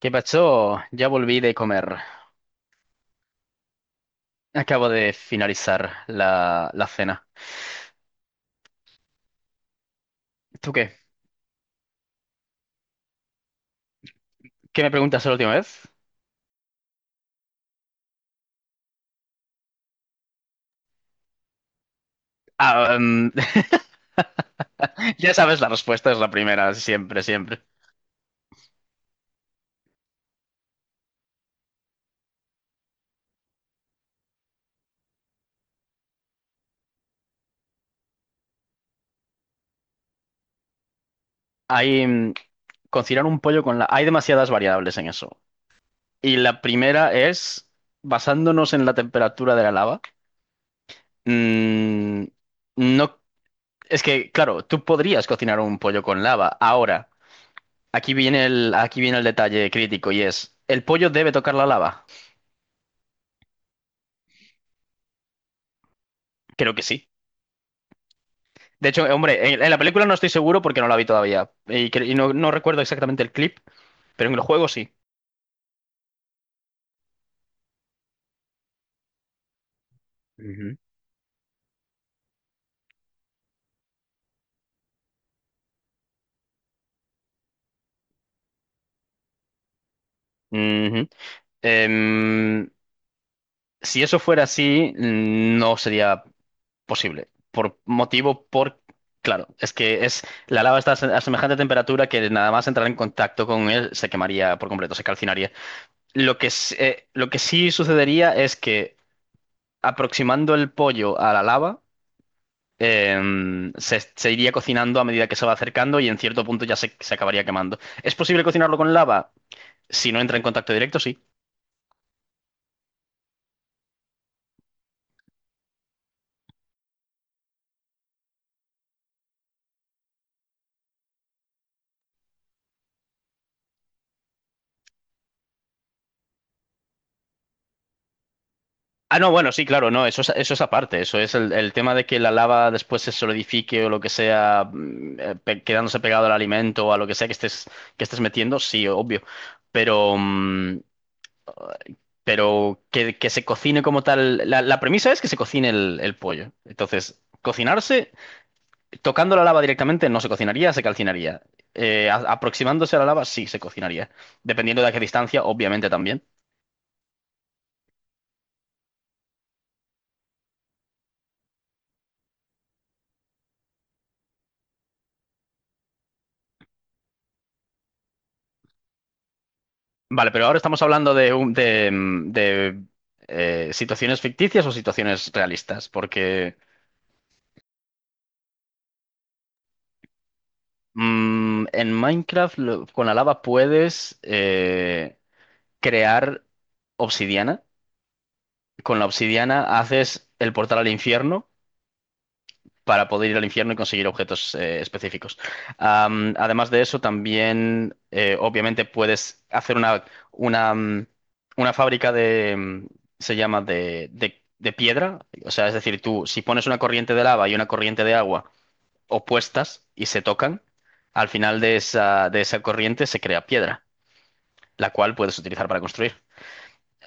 ¿Qué pasó? Ya volví de comer. Acabo de finalizar la cena. ¿Tú qué? ¿Qué me preguntas la última vez? Ah, em, ya sabes, la respuesta es la primera, siempre, siempre. Hay, cocinar un pollo con la. Hay demasiadas variables en eso. Y la primera es, basándonos en la temperatura de la lava, mm, no. Es que, claro, tú podrías cocinar un pollo con lava ahora. Aquí viene el detalle crítico y es, ¿el pollo debe tocar la lava? Creo que sí. De hecho, hombre, en la película no estoy seguro porque no la vi todavía y, no recuerdo exactamente el clip, pero en el juego sí. Ujú. Ujú. Em, si eso fuera así, no sería posible. Por motivo, por. Claro, es que es la lava está a semejante temperatura que nada más entrar en contacto con él se quemaría por completo, se calcinaría. Lo que sí sucedería es que aproximando el pollo a la lava, se iría cocinando a medida que se va acercando y en cierto punto ya se acabaría quemando. ¿Es posible cocinarlo con lava? Si no entra en contacto directo, sí. Ah, no, bueno, sí, claro, no, eso es, aparte. Eso es el tema de que la lava después se solidifique o lo que sea, quedándose pegado al alimento o a lo que sea que estés metiendo, sí, obvio. Pero, mm, pero que se cocine como tal. La premisa es que se cocine el pollo. Entonces, cocinarse. Tocando la lava directamente no se cocinaría, se calcinaría. Aproximándose a la lava sí se cocinaría, dependiendo de a qué distancia, obviamente también. Vale, pero ahora estamos hablando de, un- de, mm, de, situaciones ficticias o situaciones realistas, porque en Minecraft con la lava puedes crear obsidiana. Con la obsidiana haces el portal al infierno para poder ir al infierno y conseguir objetos específicos. Además de eso, también obviamente puedes hacer una, mm, una fábrica de, mm, se llama de piedra. O sea, es decir, tú si pones una corriente de lava y una corriente de agua opuestas y se tocan, al final de esa corriente se crea piedra, la cual puedes utilizar para construir.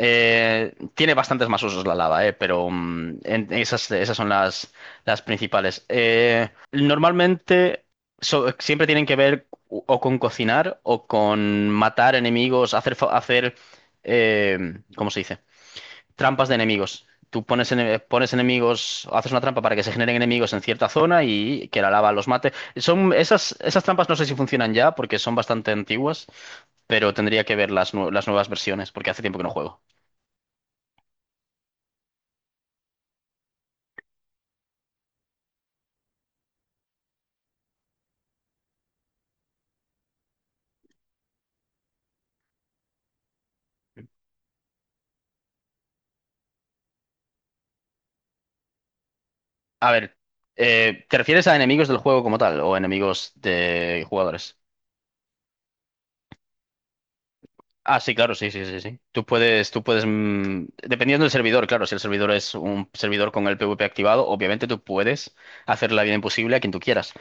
Tiene bastantes más usos la lava, pero esas son las principales. Normalmente siempre tienen que ver o con cocinar o con matar enemigos, hacer ¿cómo se dice? Trampas de enemigos. Tú pones, pones enemigos, haces una trampa para que se generen enemigos en cierta zona y que la lava los mate. Son esas trampas no sé si funcionan ya porque son bastante antiguas, pero tendría que ver las nuevas versiones porque hace tiempo que no juego. A ver, ¿te refieres a enemigos del juego como tal o enemigos de jugadores? Ah, sí, claro, sí, sí, sí, sí. Tú puedes, dependiendo del servidor, claro, si el servidor es un servidor con el PvP activado, obviamente tú puedes hacer la vida imposible a quien tú quieras.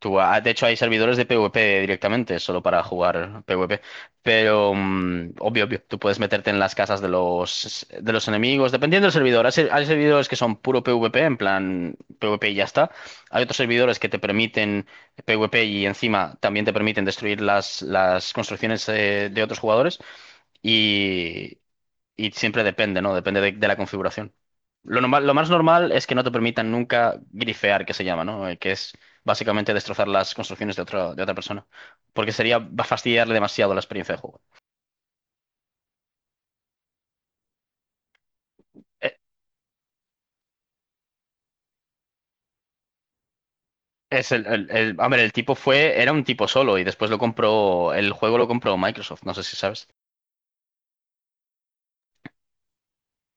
De hecho, hay servidores de PvP directamente, solo para jugar PvP. Obvio, obvio, tú puedes meterte en las casas de los, enemigos, dependiendo del servidor. Hay servidores que son puro PvP, en plan PvP y ya está. Hay otros servidores que te permiten PvP y encima también te permiten destruir las construcciones de otros jugadores. Y siempre depende, ¿no? Depende de la configuración. Lo normal, lo más normal es que no te permitan nunca grifear, que se llama, ¿no? Que es básicamente destrozar las construcciones de otra persona. Porque sería va a fastidiarle demasiado la experiencia de juego. Eh, Es el- a ver, el tipo era un tipo solo y después lo compró, el juego lo compró Microsoft, no sé si sabes.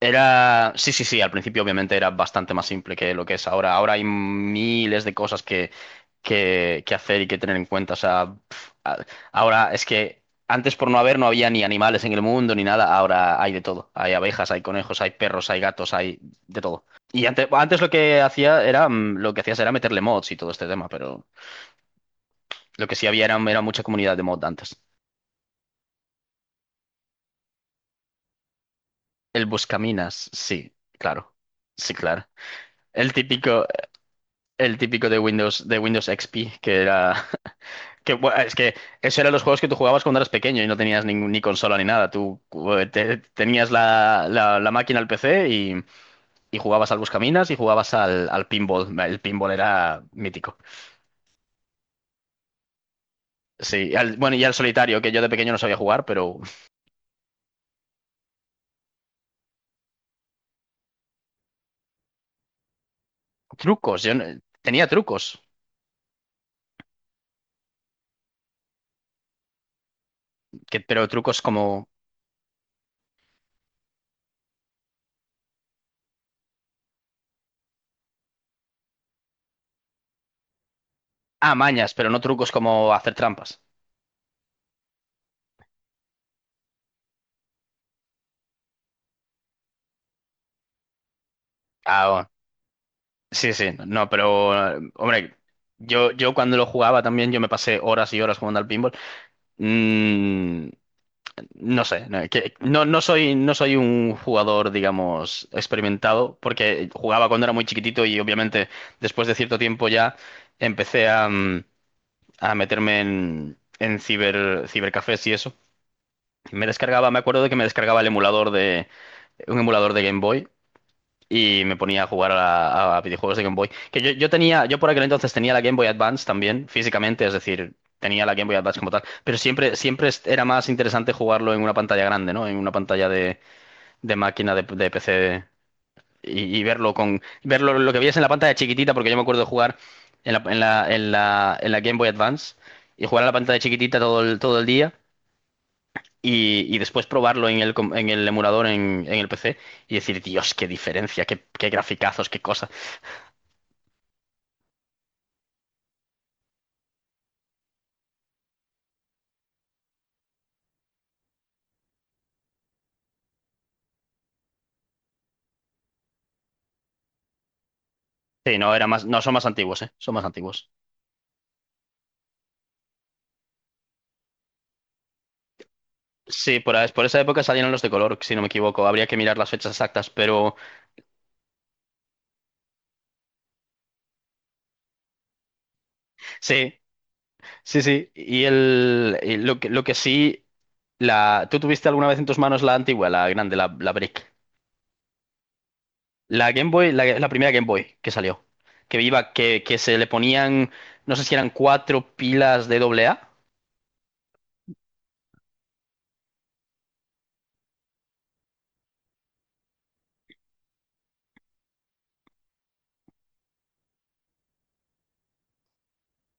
Sí, sí, sí, al principio obviamente era bastante más simple que lo que es ahora. Ahora hay miles de cosas que, que hacer y que tener en cuenta. O sea, ahora es que antes por no haber no había ni animales en el mundo ni nada. Ahora hay de todo. Hay abejas, hay conejos, hay perros, hay gatos, hay de todo. Y antes, antes lo que hacía era, mm, lo que hacías era meterle mods y todo este tema, pero lo que sí había era mucha comunidad de mod antes. El buscaminas, sí, claro. Sí, claro. El típico, el típico de Windows XP, que era. Que, bueno, es que eso eran los juegos que tú jugabas cuando eras pequeño y no tenías ni consola ni nada. Tú tenías la máquina al PC y, jugabas al Buscaminas y jugabas al, pinball. El pinball era mítico. Sí, bueno, y al solitario, que yo de pequeño no sabía jugar, pero trucos. Yo tenía trucos, que, pero trucos como. Ah, mañas, pero no trucos como hacer trampas. Ah, sí, sí, no, pero hombre, yo, cuando lo jugaba también, yo me pasé horas y horas jugando al pinball. Mm, no sé, no, no, no soy, un jugador, digamos, experimentado, porque jugaba cuando era muy chiquitito y obviamente después de cierto tiempo ya empecé a, meterme en, cibercafés y eso. Me acuerdo de que me descargaba el emulador un emulador de Game Boy y me ponía a jugar a, videojuegos de Game Boy. Que yo por aquel entonces tenía la Game Boy Advance también, físicamente, es decir, tenía la Game Boy Advance como tal, pero siempre, siempre era más interesante jugarlo en una pantalla grande, ¿no? En una pantalla de máquina de PC y, verlo lo que veías en la pantalla chiquitita, porque yo me acuerdo de jugar en la, en la Game Boy Advance y jugar a la pantalla chiquitita todo el día. Y, después probarlo en el, en el emulador en, el PC y decir, Dios, qué diferencia, qué graficazos, qué cosas. Sí, no, era más, no, son más antiguos, ¿eh? Son más antiguos. Sí, por, por esa época salieron los de color, si no me equivoco. Habría que mirar las fechas exactas, pero sí, sí, sí. Y lo que sí, ¿tú tuviste alguna vez en tus manos la antigua, la grande, la, Brick? La Game Boy, la, primera Game Boy que salió, que iba, que se le ponían, no sé si eran cuatro pilas de doble A.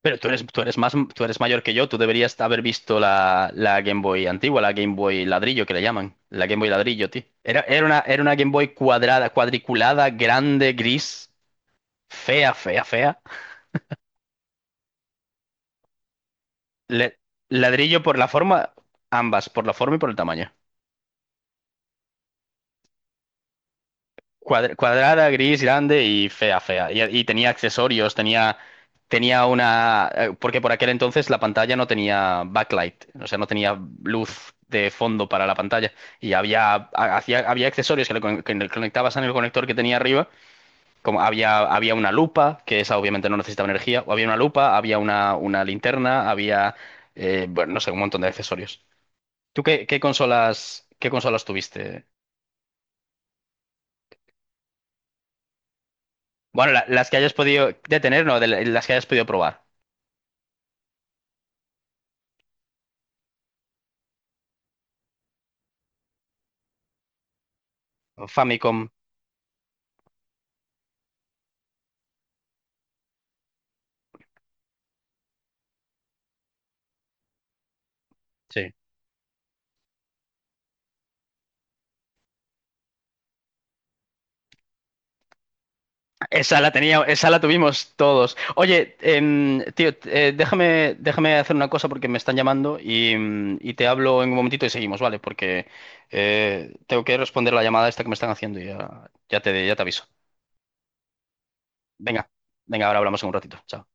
Pero tú eres más, tú eres mayor que yo, tú deberías haber visto la, Game Boy antigua, la Game Boy ladrillo que le llaman. La Game Boy ladrillo, tío. Era una Game Boy cuadrada, cuadriculada, grande, gris, fea, fea, fea. Le- Ladrillo por la forma, ambas, por la forma y por el tamaño. Cuadrada, gris, grande y fea, fea. Y, tenía accesorios, tenía una. Porque por aquel entonces la pantalla no tenía backlight, o sea, no tenía luz de fondo para la pantalla. Y había, había accesorios que le, que le conectabas en el conector que tenía arriba, como había, una lupa, que esa obviamente no necesitaba energía, o había una lupa, había una, linterna, bueno, no sé, un montón de accesorios. ¿Tú qué, consolas tuviste? Bueno, las que hayas podido detener, no, de las que hayas podido probar. Famicom, sí. Esa la tenía, esa la tuvimos todos. Oye, tío, déjame, hacer una cosa porque me están llamando y, te hablo en un momentito y seguimos, ¿vale? Porque tengo que responder la llamada esta que me están haciendo y ya, te aviso. Venga, venga, ahora hablamos en un ratito. Chao.